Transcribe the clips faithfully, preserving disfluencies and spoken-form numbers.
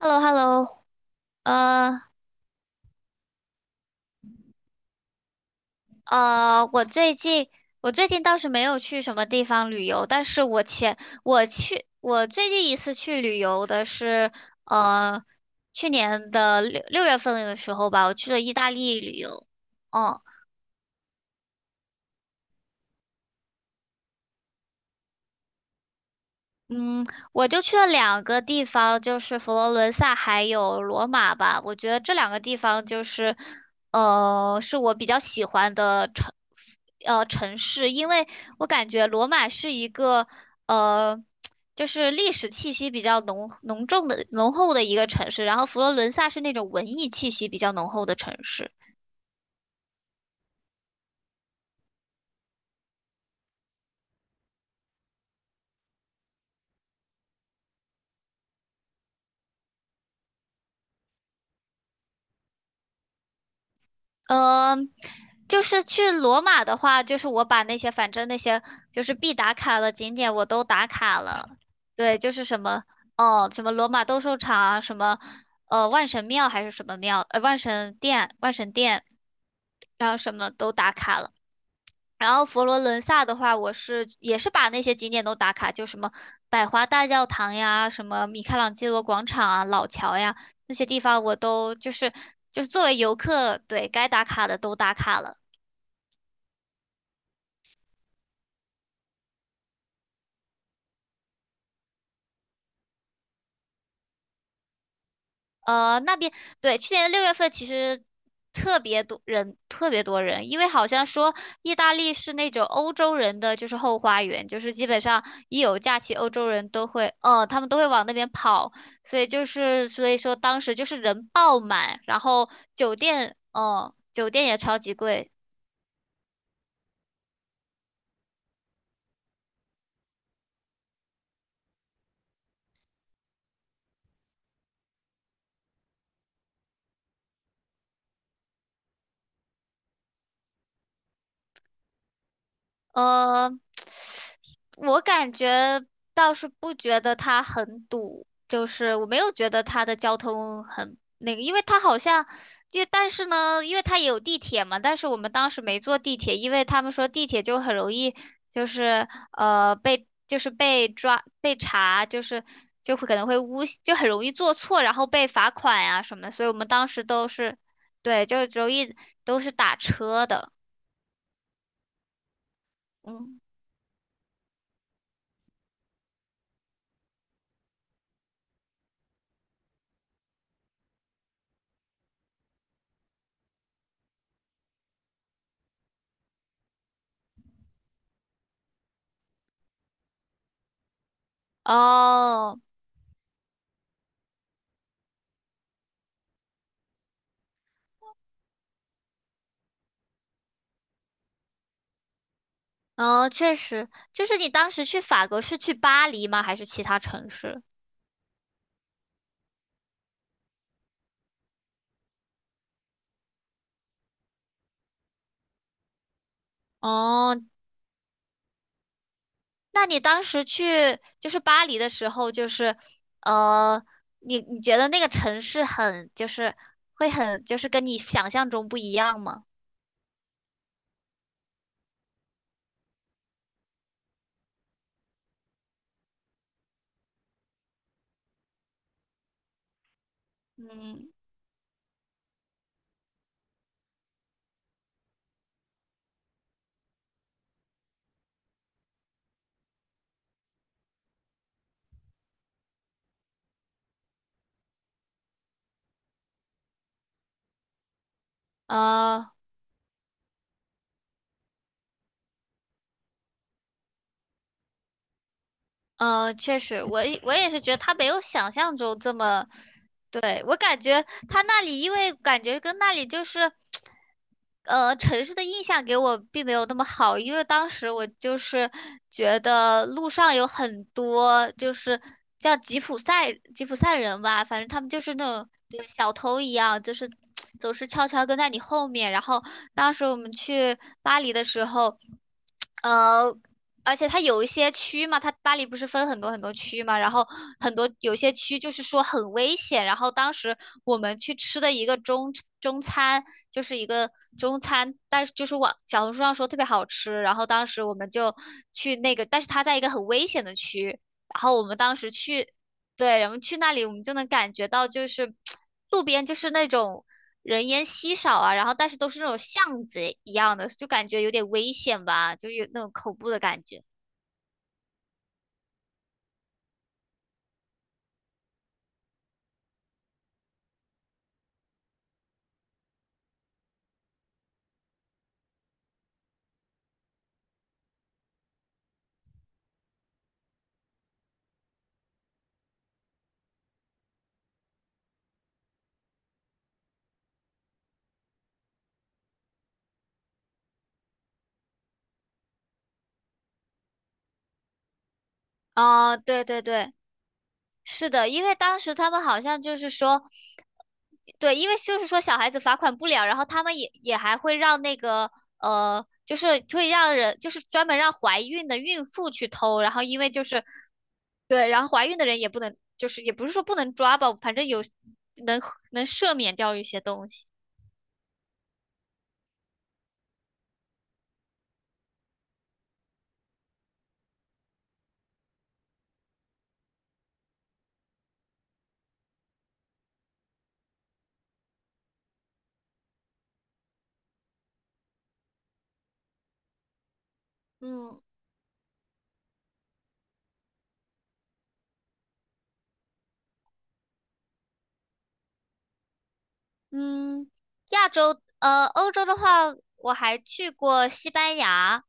h e l l o h e l l o 呃呃，我最近我最近倒是没有去什么地方旅游，但是我前我去我最近一次去旅游的是呃去年的六六月份的时候吧，我去了意大利旅游。嗯嗯，我就去了两个地方，就是佛罗伦萨还有罗马吧。我觉得这两个地方就是，呃，是我比较喜欢的城，呃，城市，因为我感觉罗马是一个，呃，就是历史气息比较浓浓重的浓厚的一个城市，然后佛罗伦萨是那种文艺气息比较浓厚的城市。呃，就是去罗马的话，就是我把那些反正那些就是必打卡的景点我都打卡了。对，就是什么哦，什么罗马斗兽场啊，什么呃万神庙还是什么庙，呃万神殿、万神殿，然后什么都打卡了。然后佛罗伦萨的话，我是也是把那些景点都打卡，就什么百花大教堂呀，什么米开朗基罗广场啊、老桥呀那些地方，我都就是就是作为游客，对该打卡的都打卡了。呃，那边对，去年六月份其实特别多人，特别多人，因为好像说意大利是那种欧洲人的就是后花园，就是基本上一有假期，欧洲人都会，呃，他们都会往那边跑，所以就是所以说当时就是人爆满，然后酒店，嗯，酒店也超级贵，呃，我感觉倒是不觉得它很堵，就是我没有觉得它的交通很那个，因为它好像就但是呢，因为它也有地铁嘛，但是我们当时没坐地铁，因为他们说地铁就很容易就是呃被就是被抓被查，就是就会可能会诬就很容易做错，然后被罚款呀、什么的，所以我们当时都是对，就容易都是打车的。嗯。哦，哦，确实，就是你当时去法国是去巴黎吗？还是其他城市？哦，那你当时去就是巴黎的时候，就是呃，你你觉得那个城市很就是会很就是跟你想象中不一样吗？嗯，呃呃，确实，我也我也是觉得它没有想象中这么，对，我感觉它那里因为感觉跟那里就是。呃，城市的印象给我并没有那么好，因为当时我就是觉得路上有很多就是叫吉普赛吉普赛人吧，反正他们就是那种对小偷一样，就是 总是悄悄跟在你后面。然后当时我们去巴黎的时候，呃。而且它有一些区嘛，它巴黎不是分很多很多区嘛，然后很多有些区就是说很危险。然后当时我们去吃的一个中中餐，就是一个中餐，但是就是网小红书上说特别好吃。然后当时我们就去那个，但是它在一个很危险的区。然后我们当时去，对，我们去那里，我们就能感觉到就是路边就是那种人烟稀少啊，然后但是都是那种巷子一样的，就感觉有点危险吧，就是有那种恐怖的感觉。哦，对对对，是的，因为当时他们好像就是说，对，因为就是说小孩子罚款不了，然后他们也也还会让那个呃，就是会让人就是专门让怀孕的孕妇去偷，然后因为就是对，然后怀孕的人也不能，就是也不是说不能抓吧，反正有能能赦免掉一些东西。嗯嗯，亚洲，呃，欧洲的话，我还去过西班牙，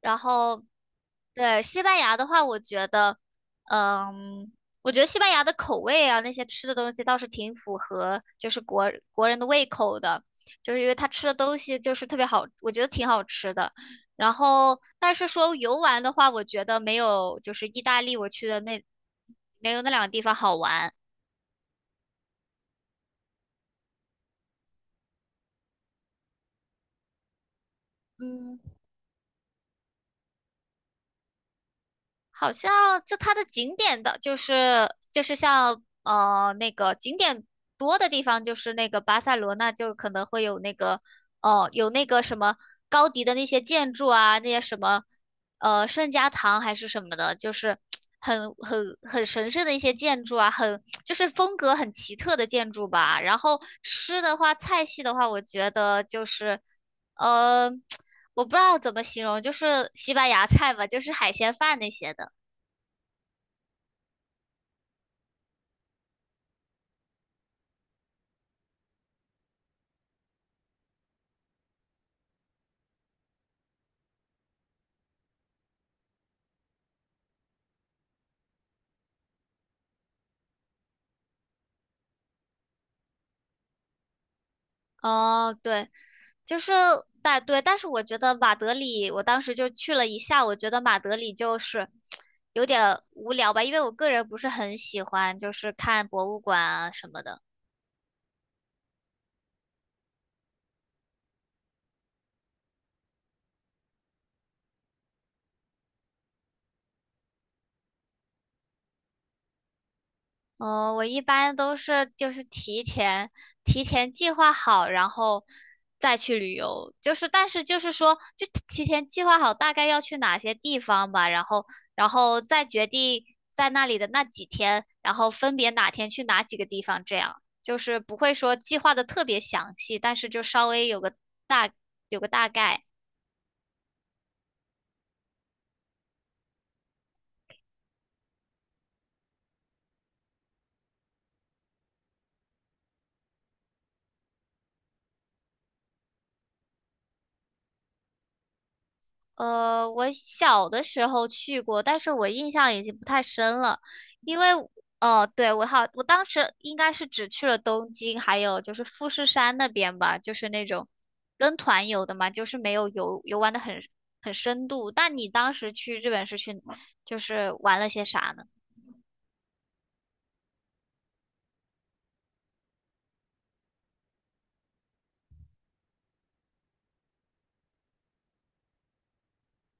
然后，对，西班牙的话，我觉得，嗯，我觉得西班牙的口味啊，那些吃的东西倒是挺符合，就是国国人的胃口的，就是因为他吃的东西就是特别好，我觉得挺好吃的。然后，但是说游玩的话，我觉得没有就是意大利我去的那没有那两个地方好玩。嗯。好像就它的景点的，就是就是像呃那个景点多的地方，就是那个巴塞罗那就可能会有那个哦、呃有那个什么高迪的那些建筑啊，那些什么呃圣家堂还是什么的，就是很很很神圣的一些建筑啊，很就是风格很奇特的建筑吧。然后吃的话，菜系的话，我觉得就是呃。我不知道怎么形容，就是西班牙菜吧，就是海鲜饭那些的。哦，对，就是但对，但是我觉得马德里，我当时就去了一下，我觉得马德里就是有点无聊吧，因为我个人不是很喜欢，就是看博物馆啊什么的。嗯，我一般都是就是提前提前计划好，然后再去旅游。就是但是就是说，就提前计划好大概要去哪些地方吧，然后然后再决定在那里的那几天，然后分别哪天去哪几个地方，这样就是不会说计划的特别详细，但是就稍微有个大有个大概。呃，我小的时候去过，但是我印象已经不太深了，因为哦，对，我好，我当时应该是只去了东京，还有就是富士山那边吧，就是那种跟团游的嘛，就是没有游游玩的很很深度。那你当时去日本是去就是玩了些啥呢？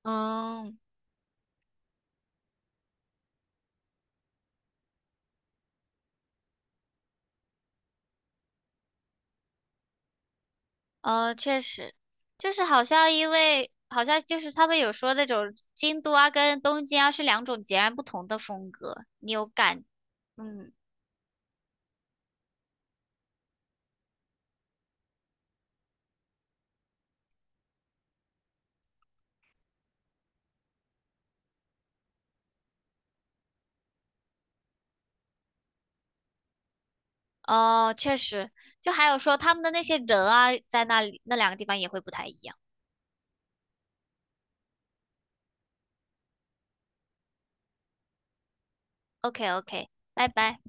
嗯，呃，确实，就是好像因为好像就是他们有说那种京都啊跟东京啊是两种截然不同的风格，你有感，嗯。哦，确实，就还有说他们的那些人啊，在那里那两个地方也会不太一样。OK OK，拜拜。